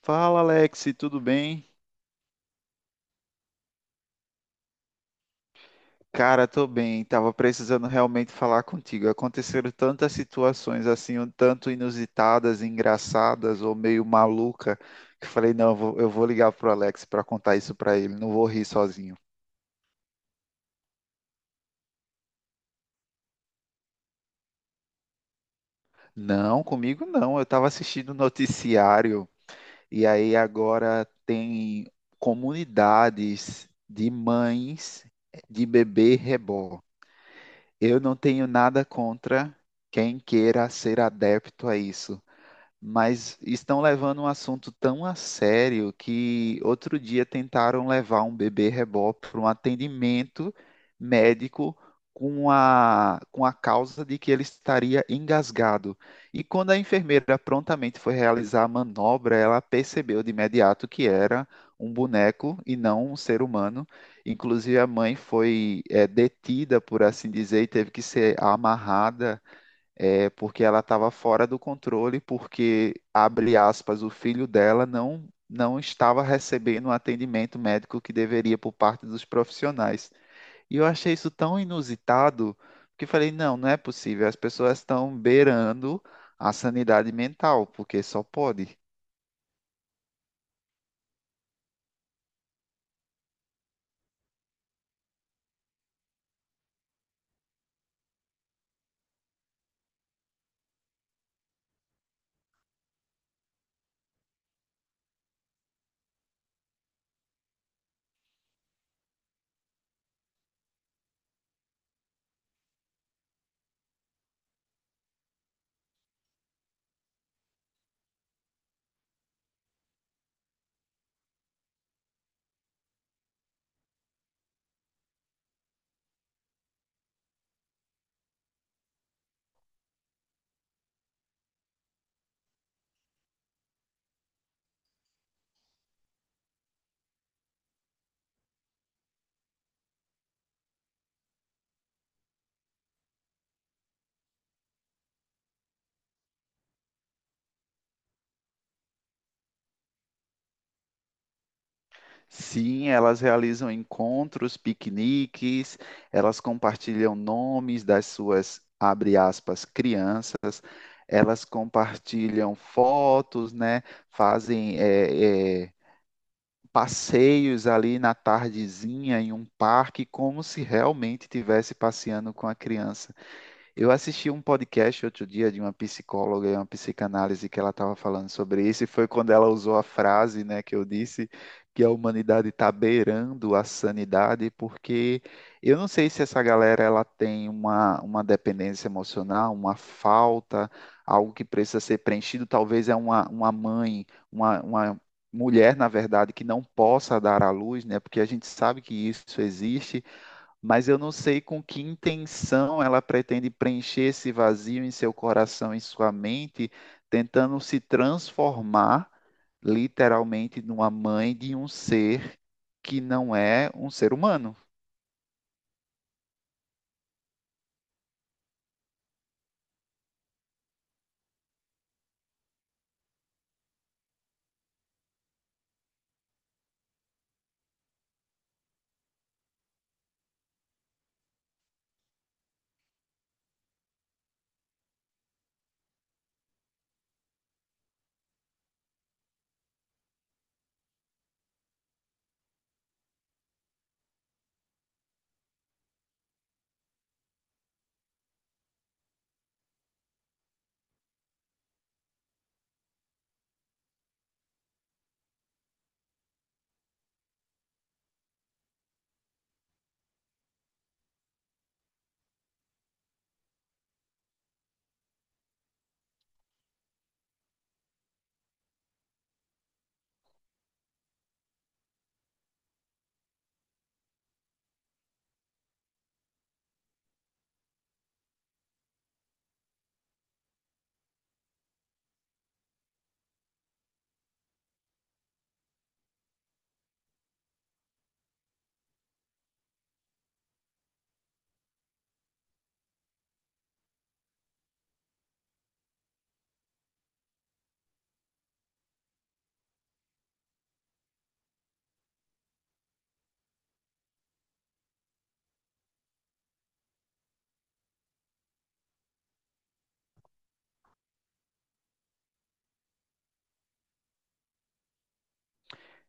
Fala, Alex, tudo bem? Cara, tô bem. Tava precisando realmente falar contigo. Aconteceram tantas situações assim, um tanto inusitadas, engraçadas ou meio maluca, que eu falei, não, eu vou ligar pro Alex pra contar isso pra ele, não vou rir sozinho. Não, comigo não. Eu tava assistindo o noticiário e aí agora tem comunidades de mães de bebê reborn. Eu não tenho nada contra quem queira ser adepto a isso, mas estão levando um assunto tão a sério que outro dia tentaram levar um bebê rebó para um atendimento médico com a causa de que ele estaria engasgado. E quando a enfermeira prontamente foi realizar a manobra, ela percebeu de imediato que era um boneco e não um ser humano. Inclusive, a mãe foi, detida, por assim dizer, e teve que ser amarrada, é, porque ela estava fora do controle, porque, abre aspas, o filho dela não, não estava recebendo o atendimento médico que deveria por parte dos profissionais. E eu achei isso tão inusitado que eu falei, não, não é possível, as pessoas estão beirando a sanidade mental, porque só pode. Sim, elas realizam encontros, piqueniques, elas compartilham nomes das suas, abre aspas, crianças, elas compartilham fotos, né? Fazem passeios ali na tardezinha em um parque, como se realmente estivesse passeando com a criança. Eu assisti um podcast outro dia de uma psicóloga e uma psicanálise que ela estava falando sobre isso, e foi quando ela usou a frase, né, que eu disse que a humanidade está beirando a sanidade, porque eu não sei se essa galera ela tem uma dependência emocional, uma falta, algo que precisa ser preenchido, talvez é uma mãe, uma mulher, na verdade, que não possa dar à luz, né, porque a gente sabe que isso existe, mas eu não sei com que intenção ela pretende preencher esse vazio em seu coração, em sua mente, tentando se transformar literalmente numa mãe de um ser que não é um ser humano.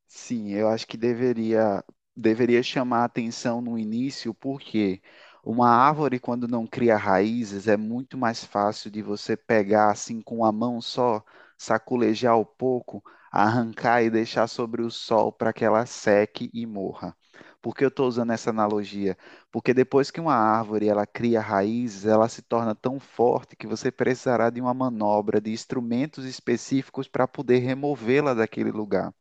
Sim, eu acho que deveria chamar a atenção no início, porque uma árvore, quando não cria raízes, é muito mais fácil de você pegar assim com a mão só, saculejar um pouco, arrancar e deixar sobre o sol para que ela seque e morra. Por que eu estou usando essa analogia? Porque depois que uma árvore ela cria raízes, ela se torna tão forte que você precisará de uma manobra, de instrumentos específicos para poder removê-la daquele lugar.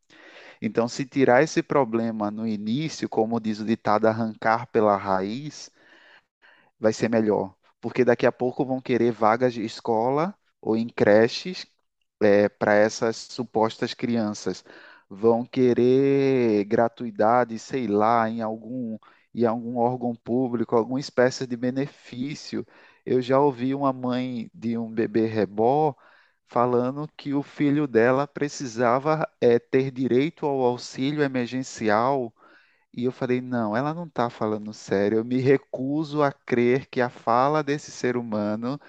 Então, se tirar esse problema no início, como diz o ditado, arrancar pela raiz, vai ser melhor. Porque daqui a pouco vão querer vagas de escola ou em creches para essas supostas crianças. Vão querer gratuidade, sei lá, em algum órgão público, alguma espécie de benefício. Eu já ouvi uma mãe de um bebê reborn falando que o filho dela precisava, ter direito ao auxílio emergencial. E eu falei, não, ela não está falando sério. Eu me recuso a crer que a fala desse ser humano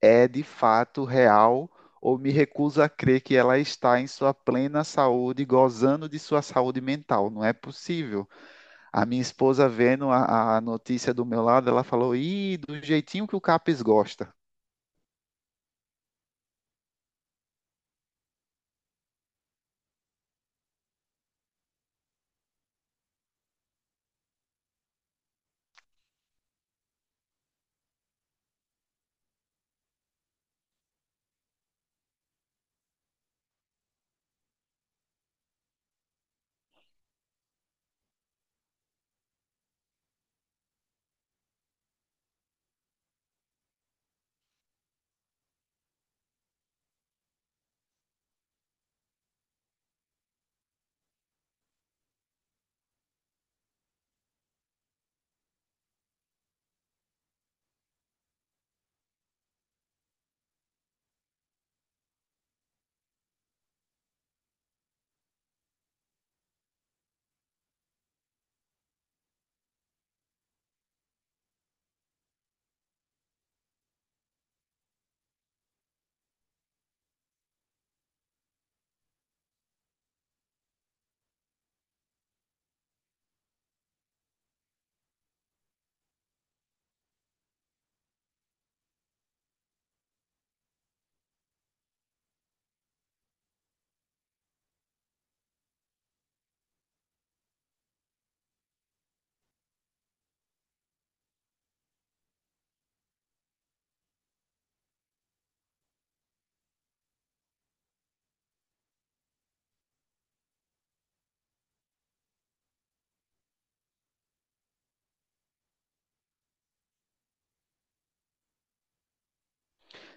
é de fato real, ou me recuso a crer que ela está em sua plena saúde, gozando de sua saúde mental. Não é possível. A minha esposa, vendo a notícia do meu lado, ela falou: Ih, do jeitinho que o Capes gosta.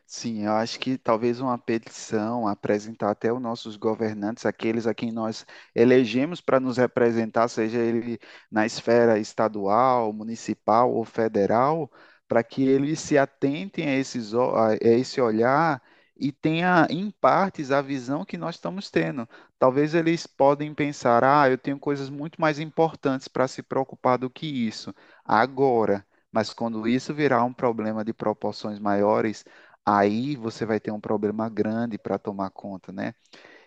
Sim, eu acho que talvez uma petição apresentar até os nossos governantes, aqueles a quem nós elegemos para nos representar, seja ele na esfera estadual, municipal ou federal, para que eles se atentem a, esses, a esse olhar e tenha em partes a visão que nós estamos tendo. Talvez eles podem pensar, ah, eu tenho coisas muito mais importantes para se preocupar do que isso agora. Mas quando isso virar um problema de proporções maiores, aí você vai ter um problema grande para tomar conta, né?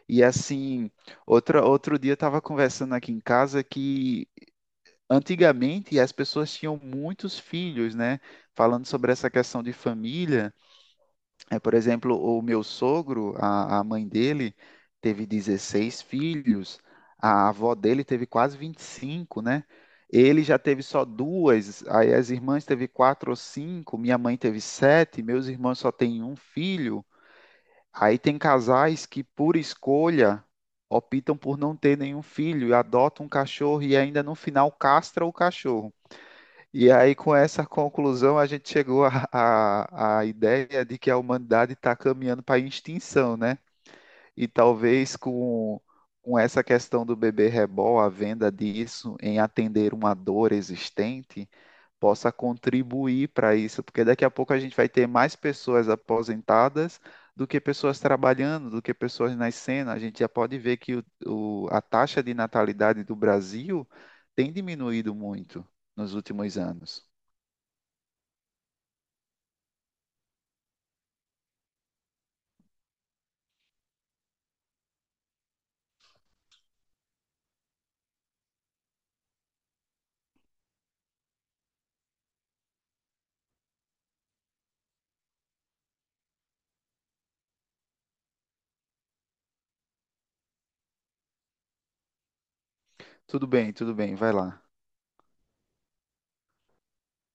E assim, outro dia eu estava conversando aqui em casa que antigamente as pessoas tinham muitos filhos, né? Falando sobre essa questão de família, é, por exemplo, o meu sogro, a mãe dele, teve 16 filhos, a avó dele teve quase 25, né? Ele já teve só duas, aí as irmãs teve quatro ou cinco, minha mãe teve sete, meus irmãos só têm um filho. Aí tem casais que, por escolha, optam por não ter nenhum filho e adotam um cachorro e ainda no final castra o cachorro. E aí, com essa conclusão, a gente chegou à ideia de que a humanidade está caminhando para a extinção, né? E talvez com essa questão do bebê reborn, a venda disso em atender uma dor existente, possa contribuir para isso, porque daqui a pouco a gente vai ter mais pessoas aposentadas do que pessoas trabalhando, do que pessoas nascendo. A gente já pode ver que a taxa de natalidade do Brasil tem diminuído muito nos últimos anos. Tudo bem, vai lá.